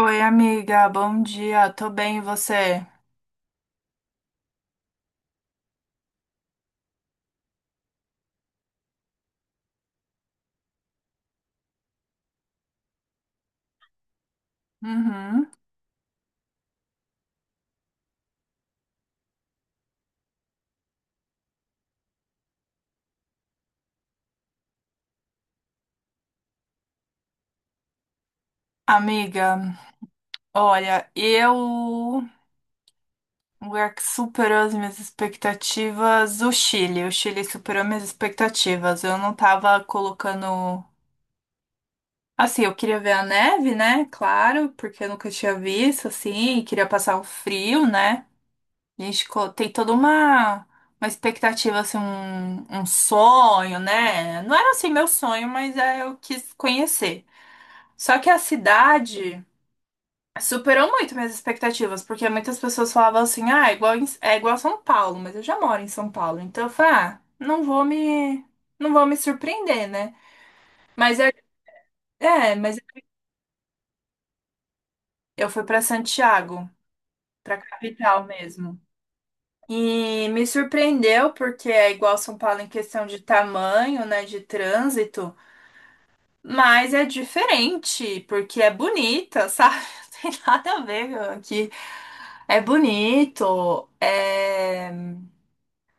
Oi, amiga, bom dia. Tô bem, e você? Uhum. Amiga, olha, eu o lugar que superou as minhas expectativas, o Chile. O Chile superou minhas expectativas. Eu não tava colocando. Assim, eu queria ver a neve, né? Claro, porque eu nunca tinha visto, assim, e queria passar o frio, né? A gente tem toda uma expectativa, assim, um sonho, né? Não era assim meu sonho, mas é, eu quis conhecer. Só que a cidade superou muito minhas expectativas, porque muitas pessoas falavam assim, ah, é igual, é igual a São Paulo, mas eu já moro em São Paulo, então eu falei, ah, não vou me surpreender, né? Mas eu, é, mas eu fui pra Santiago, pra capital mesmo. E me surpreendeu porque é igual a São Paulo em questão de tamanho, né, de trânsito, mas é diferente, porque é bonita, sabe? Não tem nada a ver aqui. É bonito.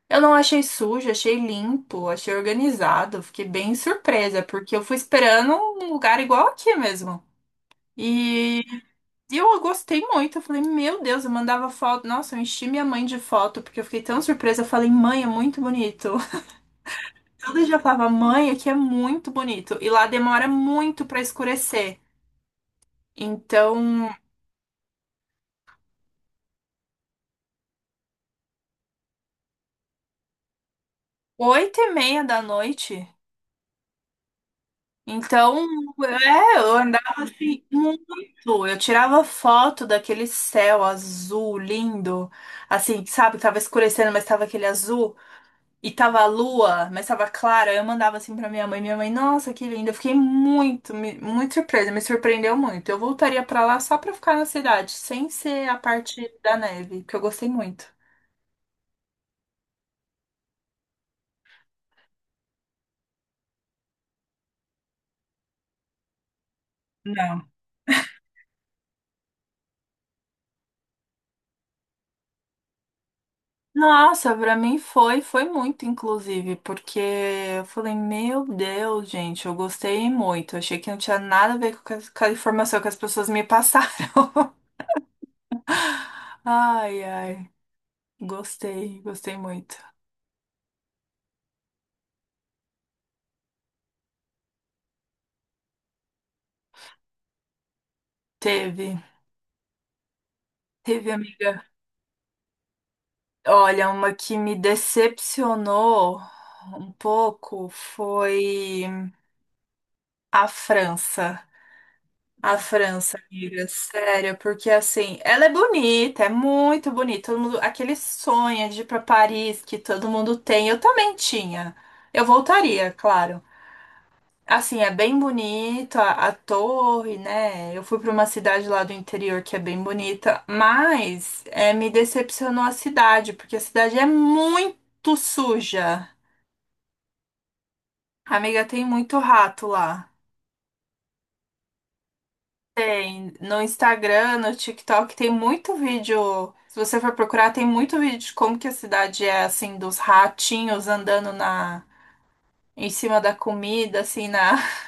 Eu não achei sujo, achei limpo, achei organizado, fiquei bem surpresa, porque eu fui esperando um lugar igual aqui mesmo. E eu gostei muito, eu falei, meu Deus, eu mandava foto, nossa, eu enchi minha mãe de foto, porque eu fiquei tão surpresa, eu falei, mãe, é muito bonito. Todo dia eu falava, mãe, aqui é muito bonito, e lá demora muito pra escurecer. Então, 8:30 da noite. Então, é, eu andava assim muito. Eu tirava foto daquele céu azul lindo, assim, sabe, que tava escurecendo, mas tava aquele azul, e tava a lua, mas tava clara. Eu mandava assim pra minha mãe, nossa, que linda. Eu fiquei muito surpresa, me surpreendeu muito. Eu voltaria pra lá só pra ficar na cidade, sem ser a parte da neve, que eu gostei muito. Não. Nossa, pra mim foi muito, inclusive, porque eu falei, meu Deus, gente, eu gostei muito. Achei que não tinha nada a ver com com a informação que as pessoas me passaram. Ai, ai, gostei, gostei muito. Teve, teve, amiga. Olha, uma que me decepcionou um pouco foi a França. A França, amiga, sério, porque assim, ela é bonita, é muito bonita. Todo mundo, aquele sonho de ir pra Paris que todo mundo tem, eu também tinha. Eu voltaria, claro. Assim, é bem bonito a torre, né? Eu fui pra uma cidade lá do interior que é bem bonita, mas é, me decepcionou a cidade, porque a cidade é muito suja. Amiga, tem muito rato lá. Tem no Instagram, no TikTok, tem muito vídeo. Se você for procurar, tem muito vídeo de como que a cidade é assim, dos ratinhos andando na em cima da comida, assim, na.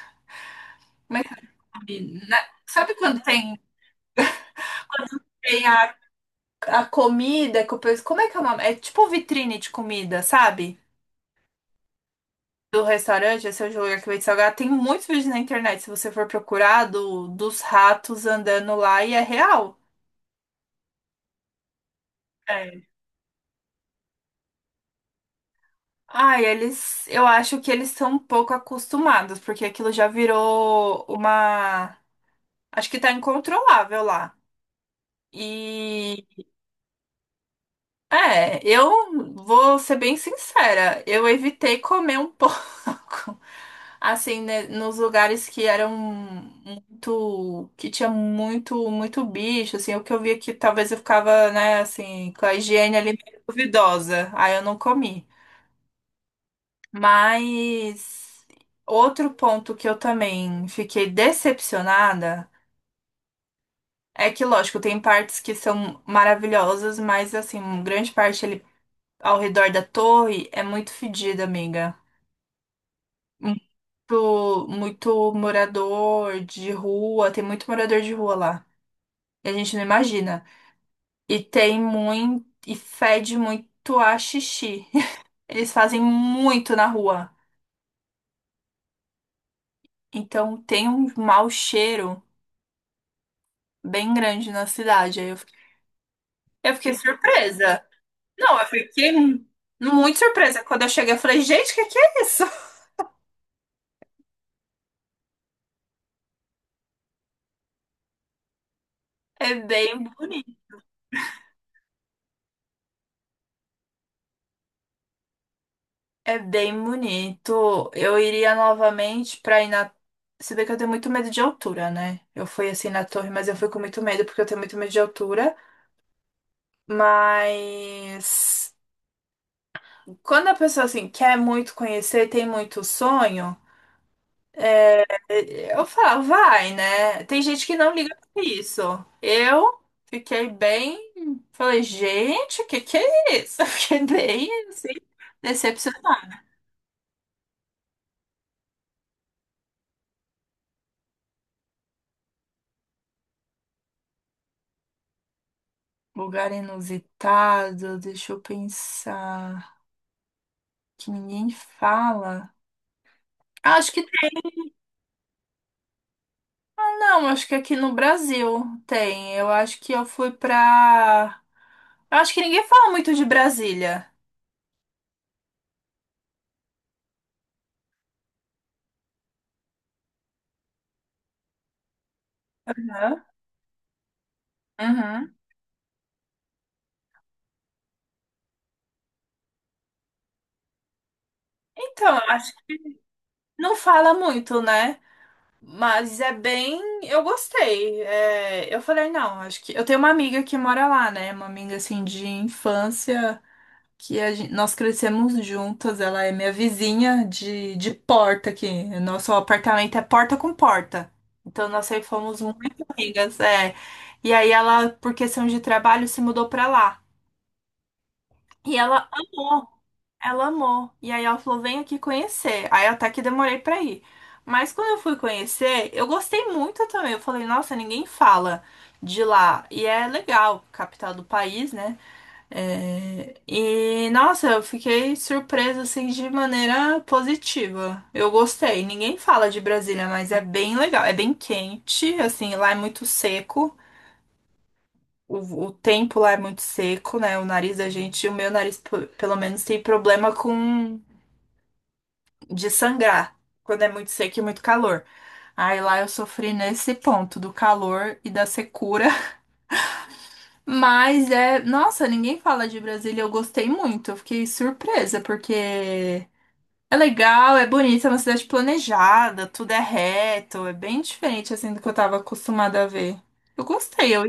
Como é que é? O Na- Sabe quando tem, tem a comida que o pessoal. Como é que é o nome? É tipo vitrine de comida, sabe? Do restaurante, esse é o lugar que vende salgado. Tem muitos vídeos na internet, se você for procurar, dos ratos andando lá e é real. É. Ai, eles, eu acho que eles são um pouco acostumados, porque aquilo já virou uma, acho que tá incontrolável lá. E é, eu vou ser bem sincera, eu evitei comer um pouco, assim, né, nos lugares que eram muito, que tinha muito, muito bicho, assim, o que eu via que talvez eu ficava, né, assim, com a higiene ali meio duvidosa. Aí eu não comi. Mas outro ponto que eu também fiquei decepcionada é que, lógico, tem partes que são maravilhosas, mas assim, grande parte ali ao redor da torre é muito fedida, amiga. Muito, muito morador de rua, tem muito morador de rua lá. E a gente não imagina. E tem muito, e fede muito a xixi. Eles fazem muito na rua. Então tem um mau cheiro bem grande na cidade. Aí eu fiquei surpresa. Não, eu fiquei muito surpresa. Quando eu cheguei, eu falei, gente, o que que é isso? É bem bonito. É bem bonito. Eu iria novamente pra ir na. Se bem que eu tenho muito medo de altura, né? Eu fui assim na torre, mas eu fui com muito medo porque eu tenho muito medo de altura. Mas quando a pessoa assim quer muito conhecer, tem muito sonho. Eu falo, vai, né? Tem gente que não liga pra isso. Eu fiquei bem. Falei, gente, o que que é isso? Eu fiquei bem assim, decepcionada. Lugar inusitado, deixa eu pensar. Que ninguém fala. Acho que não, acho que aqui no Brasil tem. Eu acho que eu fui pra. Eu acho que ninguém fala muito de Brasília. Né? Uhum. Então, eu acho que não fala muito, né? Mas é bem. Eu gostei. É, eu falei, não, acho que. Eu tenho uma amiga que mora lá, né? Uma amiga assim de infância, que nós crescemos juntas. Ela é minha vizinha de porta aqui. Nosso apartamento é porta com porta. Então nós sempre fomos muito amigas. É. E aí ela, por questão de trabalho, se mudou pra lá. E ela amou Ela amou. E aí ela falou: vem aqui conhecer. Aí até que demorei pra ir. Mas quando eu fui conhecer, eu gostei muito também. Eu falei: nossa, ninguém fala de lá. E é legal, capital do país, né? É, e nossa, eu fiquei surpresa assim de maneira positiva. Eu gostei. Ninguém fala de Brasília, mas é bem legal. É bem quente, assim, lá é muito seco. O tempo lá é muito seco, né? O nariz da gente, o meu nariz, pelo menos, tem problema com de sangrar quando é muito seco e muito calor. Aí lá eu sofri nesse ponto do calor e da secura. Mas é, nossa, ninguém fala de Brasília. Eu gostei muito, eu fiquei surpresa porque é legal, é bonita, é uma cidade planejada, tudo é reto, é bem diferente assim do que eu tava acostumada a ver. Eu gostei, eu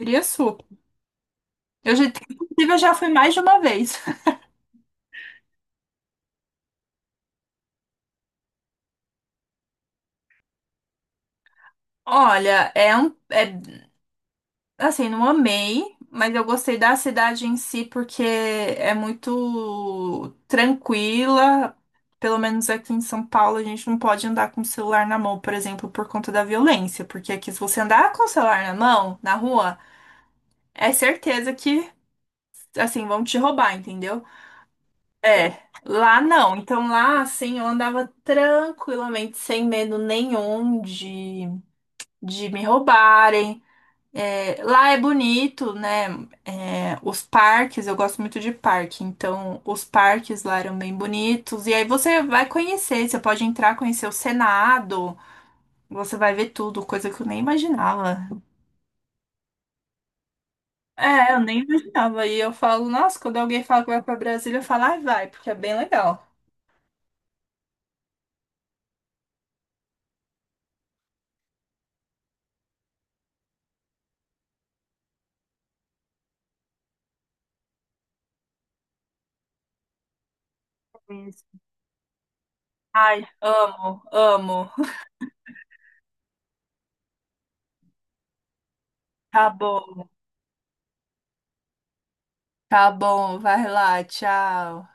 iria super. Eu já, inclusive, eu já fui mais de uma vez. Olha, assim, não amei, mas eu gostei da cidade em si porque é muito tranquila. Pelo menos aqui em São Paulo, a gente não pode andar com o celular na mão, por exemplo, por conta da violência. Porque aqui, se você andar com o celular na mão, na rua, é certeza que, assim, vão te roubar, entendeu? É, lá não. Então lá, assim, eu andava tranquilamente, sem medo nenhum de me roubarem. É, lá é bonito, né? É, os parques, eu gosto muito de parque, então os parques lá eram bem bonitos. E aí você vai conhecer, você pode entrar, conhecer o Senado, você vai ver tudo, coisa que eu nem imaginava. É, eu nem imaginava. E eu falo, nossa, quando alguém fala que vai pra Brasília, eu falo, ai, vai, porque é bem legal. Ai, amo, amo. Tá bom, tá bom, vai lá, tchau.